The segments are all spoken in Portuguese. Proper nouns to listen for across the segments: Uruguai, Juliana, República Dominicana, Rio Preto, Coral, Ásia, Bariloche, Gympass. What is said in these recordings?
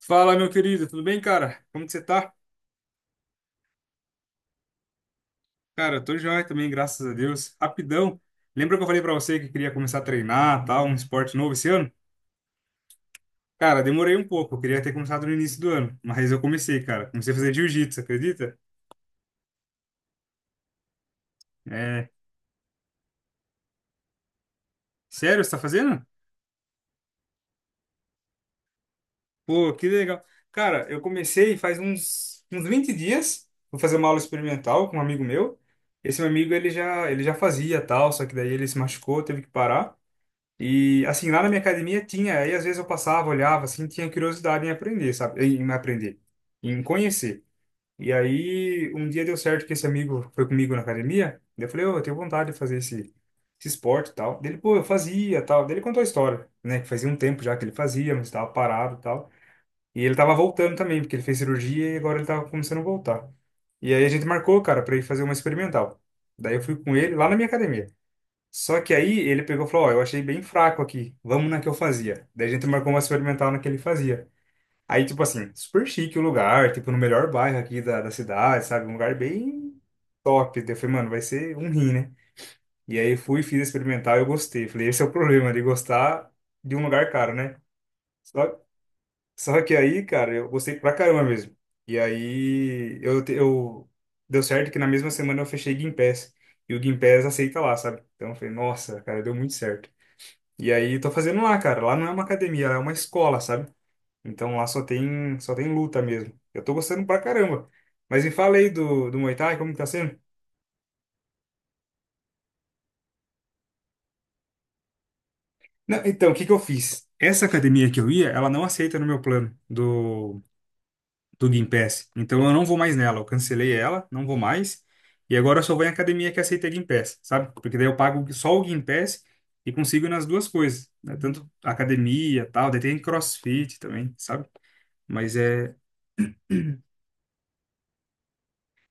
Fala, meu querido, tudo bem, cara? Como que você tá? Cara, eu tô joia também, graças a Deus. Rapidão. Lembra que eu falei pra você que queria começar a treinar, tal, um esporte novo esse ano? Cara, demorei um pouco, eu queria ter começado no início do ano, mas eu comecei, cara. Comecei a fazer jiu-jitsu, acredita? É, sério, você tá fazendo? Pô, que legal. Cara, eu comecei faz uns 20 dias. Vou fazer uma aula experimental com um amigo meu. Esse meu amigo, ele já fazia, tal, só que daí ele se machucou, teve que parar. E, assim, lá na minha academia tinha, aí às vezes eu passava, olhava, assim, tinha curiosidade em aprender, sabe? Em aprender, em conhecer. E aí, um dia deu certo que esse amigo foi comigo na academia, daí eu falei, ô, eu tenho vontade de fazer esse esporte e tal. Dele, pô, eu fazia tal. Daí ele contou a história, né? Que fazia um tempo já que ele fazia, mas estava parado e tal. E ele tava voltando também, porque ele fez cirurgia e agora ele tava começando a voltar. E aí a gente marcou, cara, pra ir fazer uma experimental. Daí eu fui com ele lá na minha academia. Só que aí ele pegou e falou, ó, eu achei bem fraco aqui, vamos na que eu fazia. Daí a gente marcou uma experimental na que ele fazia. Aí, tipo assim, super chique o lugar, tipo, no melhor bairro aqui da cidade, sabe? Um lugar bem top. Daí eu falei, mano, vai ser um rim, né? E aí fui, fiz a experimental e eu gostei. Falei, esse é o problema de gostar de um lugar caro, né? Só, só que aí, cara, eu gostei pra caramba mesmo. E aí, Deu certo que na mesma semana eu fechei Gympass. E o Gympass aceita lá, sabe? Então eu falei, nossa, cara, deu muito certo. E aí tô fazendo lá, cara. Lá não é uma academia, lá é uma escola, sabe? Então lá só tem luta mesmo. Eu tô gostando pra caramba. Mas me fala aí do Muay Thai, como que tá sendo? Não, então, o que que eu fiz? Essa academia que eu ia, ela não aceita no meu plano do Gympass. Então eu não vou mais nela. Eu cancelei ela, não vou mais. E agora eu só vou em academia que aceita Gympass, sabe? Porque daí eu pago só o Gympass e consigo ir nas duas coisas, né? Tanto academia, tal, daí tem CrossFit também, sabe? Mas é,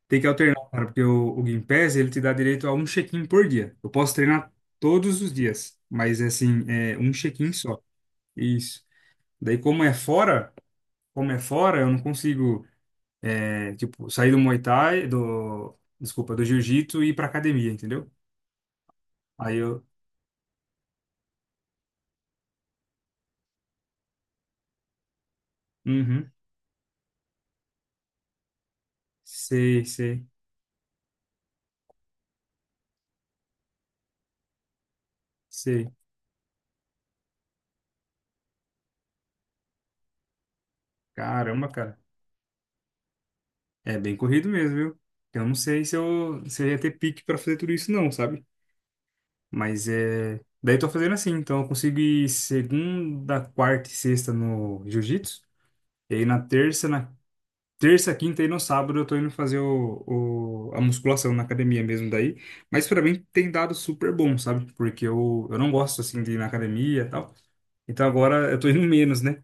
tem que alternar, cara, porque o Gympass, ele te dá direito a um check-in por dia. Eu posso treinar todos os dias, mas assim, é um check-in só. Isso. Daí, como é fora, eu não consigo, é, tipo, sair do Muay Thai, do, desculpa, do jiu-jitsu e ir pra academia, entendeu? Aí eu, uhum, sei, sei, sei. Caramba, cara. É bem corrido mesmo, viu? Eu não sei se eu ia ter pique pra fazer tudo isso, não, sabe? Mas é. Daí eu tô fazendo assim, então eu consigo ir segunda, quarta e sexta no jiu-jitsu. E aí na terça, quinta e no sábado eu tô indo fazer a musculação na academia mesmo daí. Mas pra mim tem dado super bom, sabe? Porque eu não gosto assim de ir na academia e tal. Então agora eu tô indo menos, né?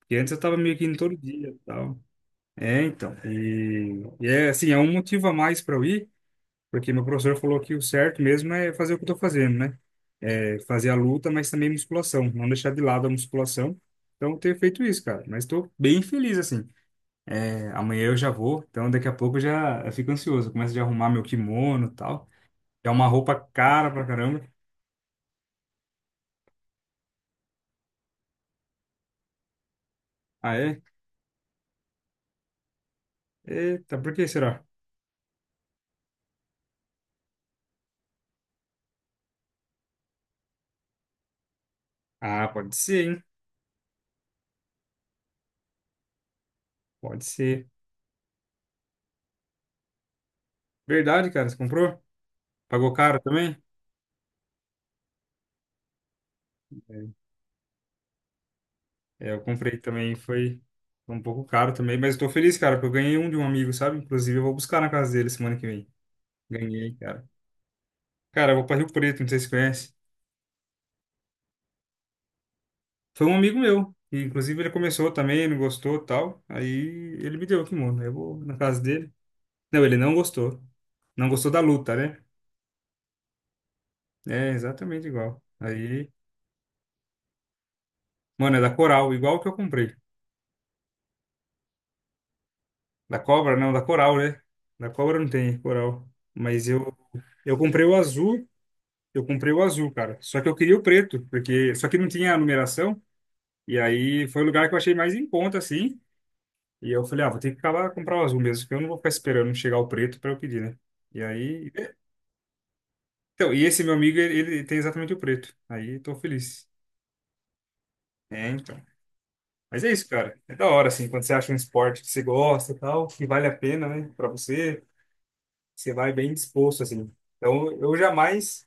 Porque antes eu tava meio que indo todo dia e tal. É, então. E é assim, é um motivo a mais pra eu ir. Porque meu professor falou que o certo mesmo é fazer o que eu tô fazendo, né? É fazer a luta, mas também musculação, não deixar de lado a musculação. Então, eu tenho feito isso, cara. Mas estou bem feliz, assim. É, amanhã eu já vou, então daqui a pouco eu fico ansioso. Eu começo a arrumar meu kimono e tal. É uma roupa cara pra caramba. Ah, é? Eita, por que será? Ah, pode ser, hein? Pode ser. Verdade, cara, você comprou? Pagou caro também? É, eu comprei também, foi um pouco caro também, mas eu tô feliz, cara, porque eu ganhei um de um amigo, sabe? Inclusive, eu vou buscar na casa dele semana que vem. Ganhei, cara. Cara, eu vou pra Rio Preto, não sei se você conhece. Foi um amigo meu, e, inclusive ele começou também, não gostou e tal. Aí ele me deu aqui, mano. Eu vou na casa dele. Não, ele não gostou. Não gostou da luta, né? É exatamente igual. Aí, mano, é da Coral, igual o que eu comprei. Da Cobra, não, da Coral, né? Da Cobra não tem Coral. Mas eu comprei o azul. Eu comprei o azul, cara. Só que eu queria o preto, porque só que não tinha a numeração. E aí foi o lugar que eu achei mais em conta, assim. E eu falei, ah, vou ter que acabar comprar o azul mesmo, porque eu não vou ficar esperando chegar o preto para eu pedir, né? E aí. Então, e esse meu amigo, ele tem exatamente o preto. Aí tô feliz. É, então. Mas é isso, cara. É da hora, assim, quando você acha um esporte que você gosta e tal, que vale a pena, né, pra você, você vai bem disposto, assim. Então, eu jamais.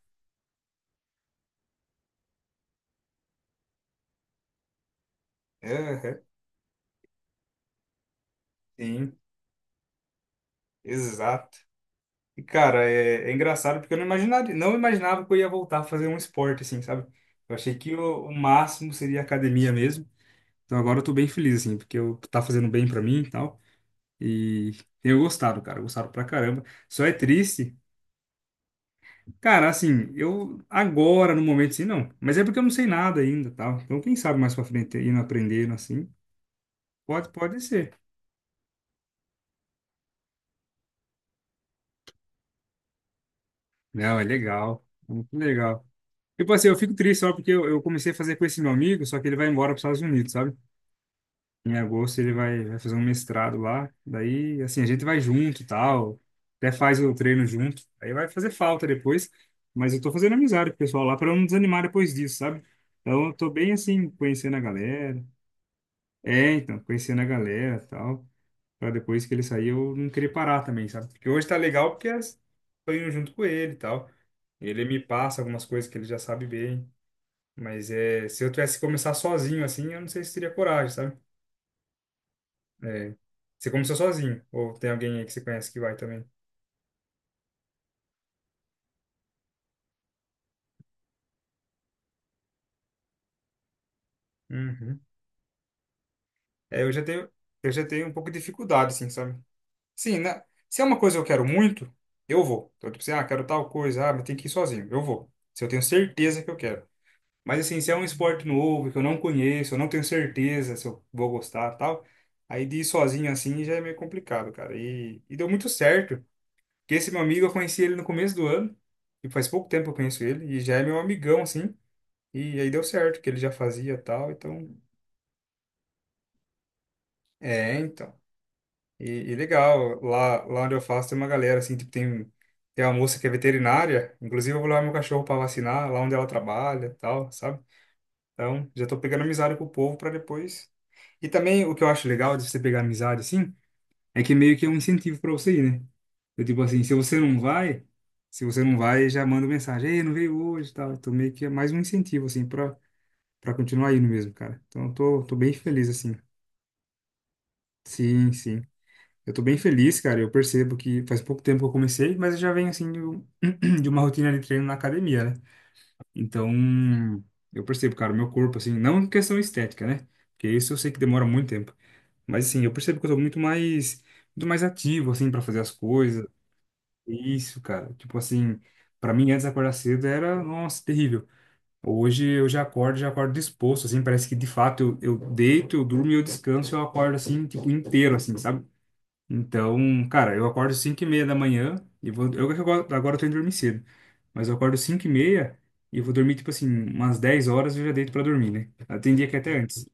Aham, sim, exato. E, cara, é, é engraçado porque eu não imaginaria, não imaginava que eu ia voltar a fazer um esporte, assim, sabe? Eu achei que o máximo seria academia mesmo. Então agora eu tô bem feliz, assim, porque eu, tá fazendo bem pra mim e tal. E tenho gostado, cara, gostado pra caramba. Só é triste, cara, assim, eu agora, no momento, assim, não. Mas é porque eu não sei nada ainda, tal. Então quem sabe mais pra frente, indo aprendendo, assim, pode, pode ser. Não, é legal, é muito legal. Tipo assim, eu fico triste só porque eu comecei a fazer com esse meu amigo, só que ele vai embora para os Estados Unidos, sabe? Em agosto ele vai, vai fazer um mestrado lá. Daí, assim, a gente vai junto e tal. Até faz o treino junto. Aí vai fazer falta depois. Mas eu tô fazendo amizade com o pessoal lá pra eu não desanimar depois disso, sabe? Então eu tô bem assim, conhecendo a galera. É, então, conhecendo a galera e tal. Pra depois que ele sair eu não querer parar também, sabe? Porque hoje tá legal porque as- tô indo junto com ele e tal. Ele me passa algumas coisas que ele já sabe bem. Mas é, se eu tivesse que começar sozinho assim, eu não sei se teria coragem, sabe? É. Você começou sozinho? Ou tem alguém aí que você conhece que vai também? Uhum. É, eu já tenho um pouco de dificuldade, assim, sabe? Sim, né? Se é uma coisa que eu quero muito, eu vou. Então, tipo assim, ah, quero tal coisa, ah, mas tem que ir sozinho. Eu vou. Se eu tenho certeza que eu quero. Mas, assim, se é um esporte novo, que eu não conheço, eu não tenho certeza se eu vou gostar tal, aí de ir sozinho assim já é meio complicado, cara. E deu muito certo. Porque esse meu amigo, eu conheci ele no começo do ano, e faz pouco tempo que eu conheço ele, e já é meu amigão, assim. E aí deu certo, que ele já fazia e tal, então. É, então. E, e legal, lá, lá onde eu faço tem uma galera, assim, tipo, tem, tem uma moça que é veterinária, inclusive eu vou levar meu cachorro pra vacinar, lá onde ela trabalha e tal, sabe? Então, já tô pegando amizade com o povo pra depois. E também o que eu acho legal de você pegar amizade, assim, é que meio que é um incentivo pra você ir, né? Eu, tipo assim, se você não vai, já manda mensagem, ei, não veio hoje e tal. Então, meio que é mais um incentivo, assim, pra, pra continuar indo mesmo, cara. Então, eu tô bem feliz, assim. Sim, sim. Eu tô bem feliz, cara. Eu percebo que faz pouco tempo que eu comecei, mas eu já venho assim de uma rotina de treino na academia, né? Então, eu percebo, cara, o meu corpo, assim, não em questão estética, né? Porque isso eu sei que demora muito tempo. Mas assim, eu percebo que eu tô muito mais ativo, assim, pra fazer as coisas. Isso, cara. Tipo assim, pra mim antes de acordar cedo era, nossa, terrível. Hoje eu já acordo disposto, assim, parece que de fato eu deito, eu durmo e eu descanso, eu acordo assim, tipo, inteiro, assim, sabe? Então, cara, eu acordo 5h30 da manhã e vou. Eu que agora eu tô indo dormir cedo. Mas eu acordo 5h30 e vou dormir, tipo assim, umas 10 horas eu já deito pra dormir, né? Ah, tem dia que é até antes.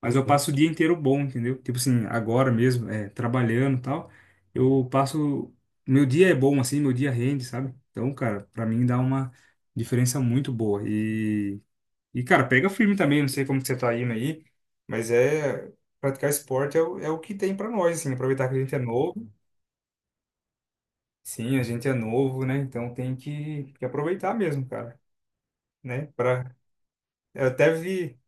Mas eu passo o dia inteiro bom, entendeu? Tipo assim, agora mesmo, é, trabalhando e tal. Eu passo. Meu dia é bom, assim, meu dia rende, sabe? Então, cara, pra mim dá uma diferença muito boa. E cara, pega firme também, não sei como que você tá indo aí, mas é. Praticar esporte é o que tem pra nós, assim, aproveitar que a gente é novo. Sim, a gente é novo, né? Então tem que aproveitar mesmo, cara, né? Pra... Eu até vi,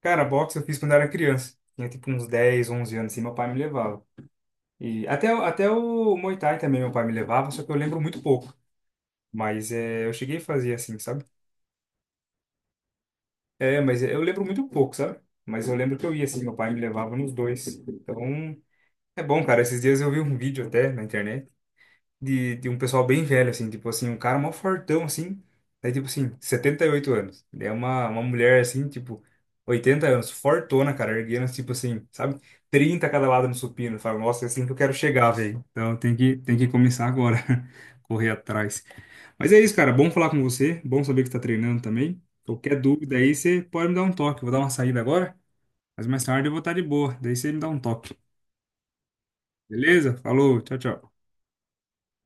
cara, boxe eu fiz quando era criança. Tinha tipo uns 10, 11 anos, assim, meu pai me levava. E até, o- até o Muay Thai também meu pai me levava, só que eu lembro muito pouco. Mas é, eu cheguei a fazer assim, sabe? É, mas eu lembro muito pouco, sabe? Mas eu lembro que eu ia assim, meu pai me levava nos dois. Então, é bom, cara. Esses dias eu vi um vídeo até na internet de um pessoal bem velho, assim, tipo assim, um cara mó fortão, assim, daí tipo assim, 78 anos. Daí é uma mulher, assim, tipo, 80 anos, fortona, cara, erguendo, tipo assim, sabe? 30 cada lado no supino. Fala, nossa, é assim que eu quero chegar, velho. Então tem que começar agora, correr atrás. Mas é isso, cara, bom falar com você, bom saber que você tá treinando também. Qualquer dúvida aí, você pode me dar um toque. Eu vou dar uma saída agora, mas mais tarde eu vou estar de boa. Daí você me dá um toque. Beleza? Falou, tchau, tchau.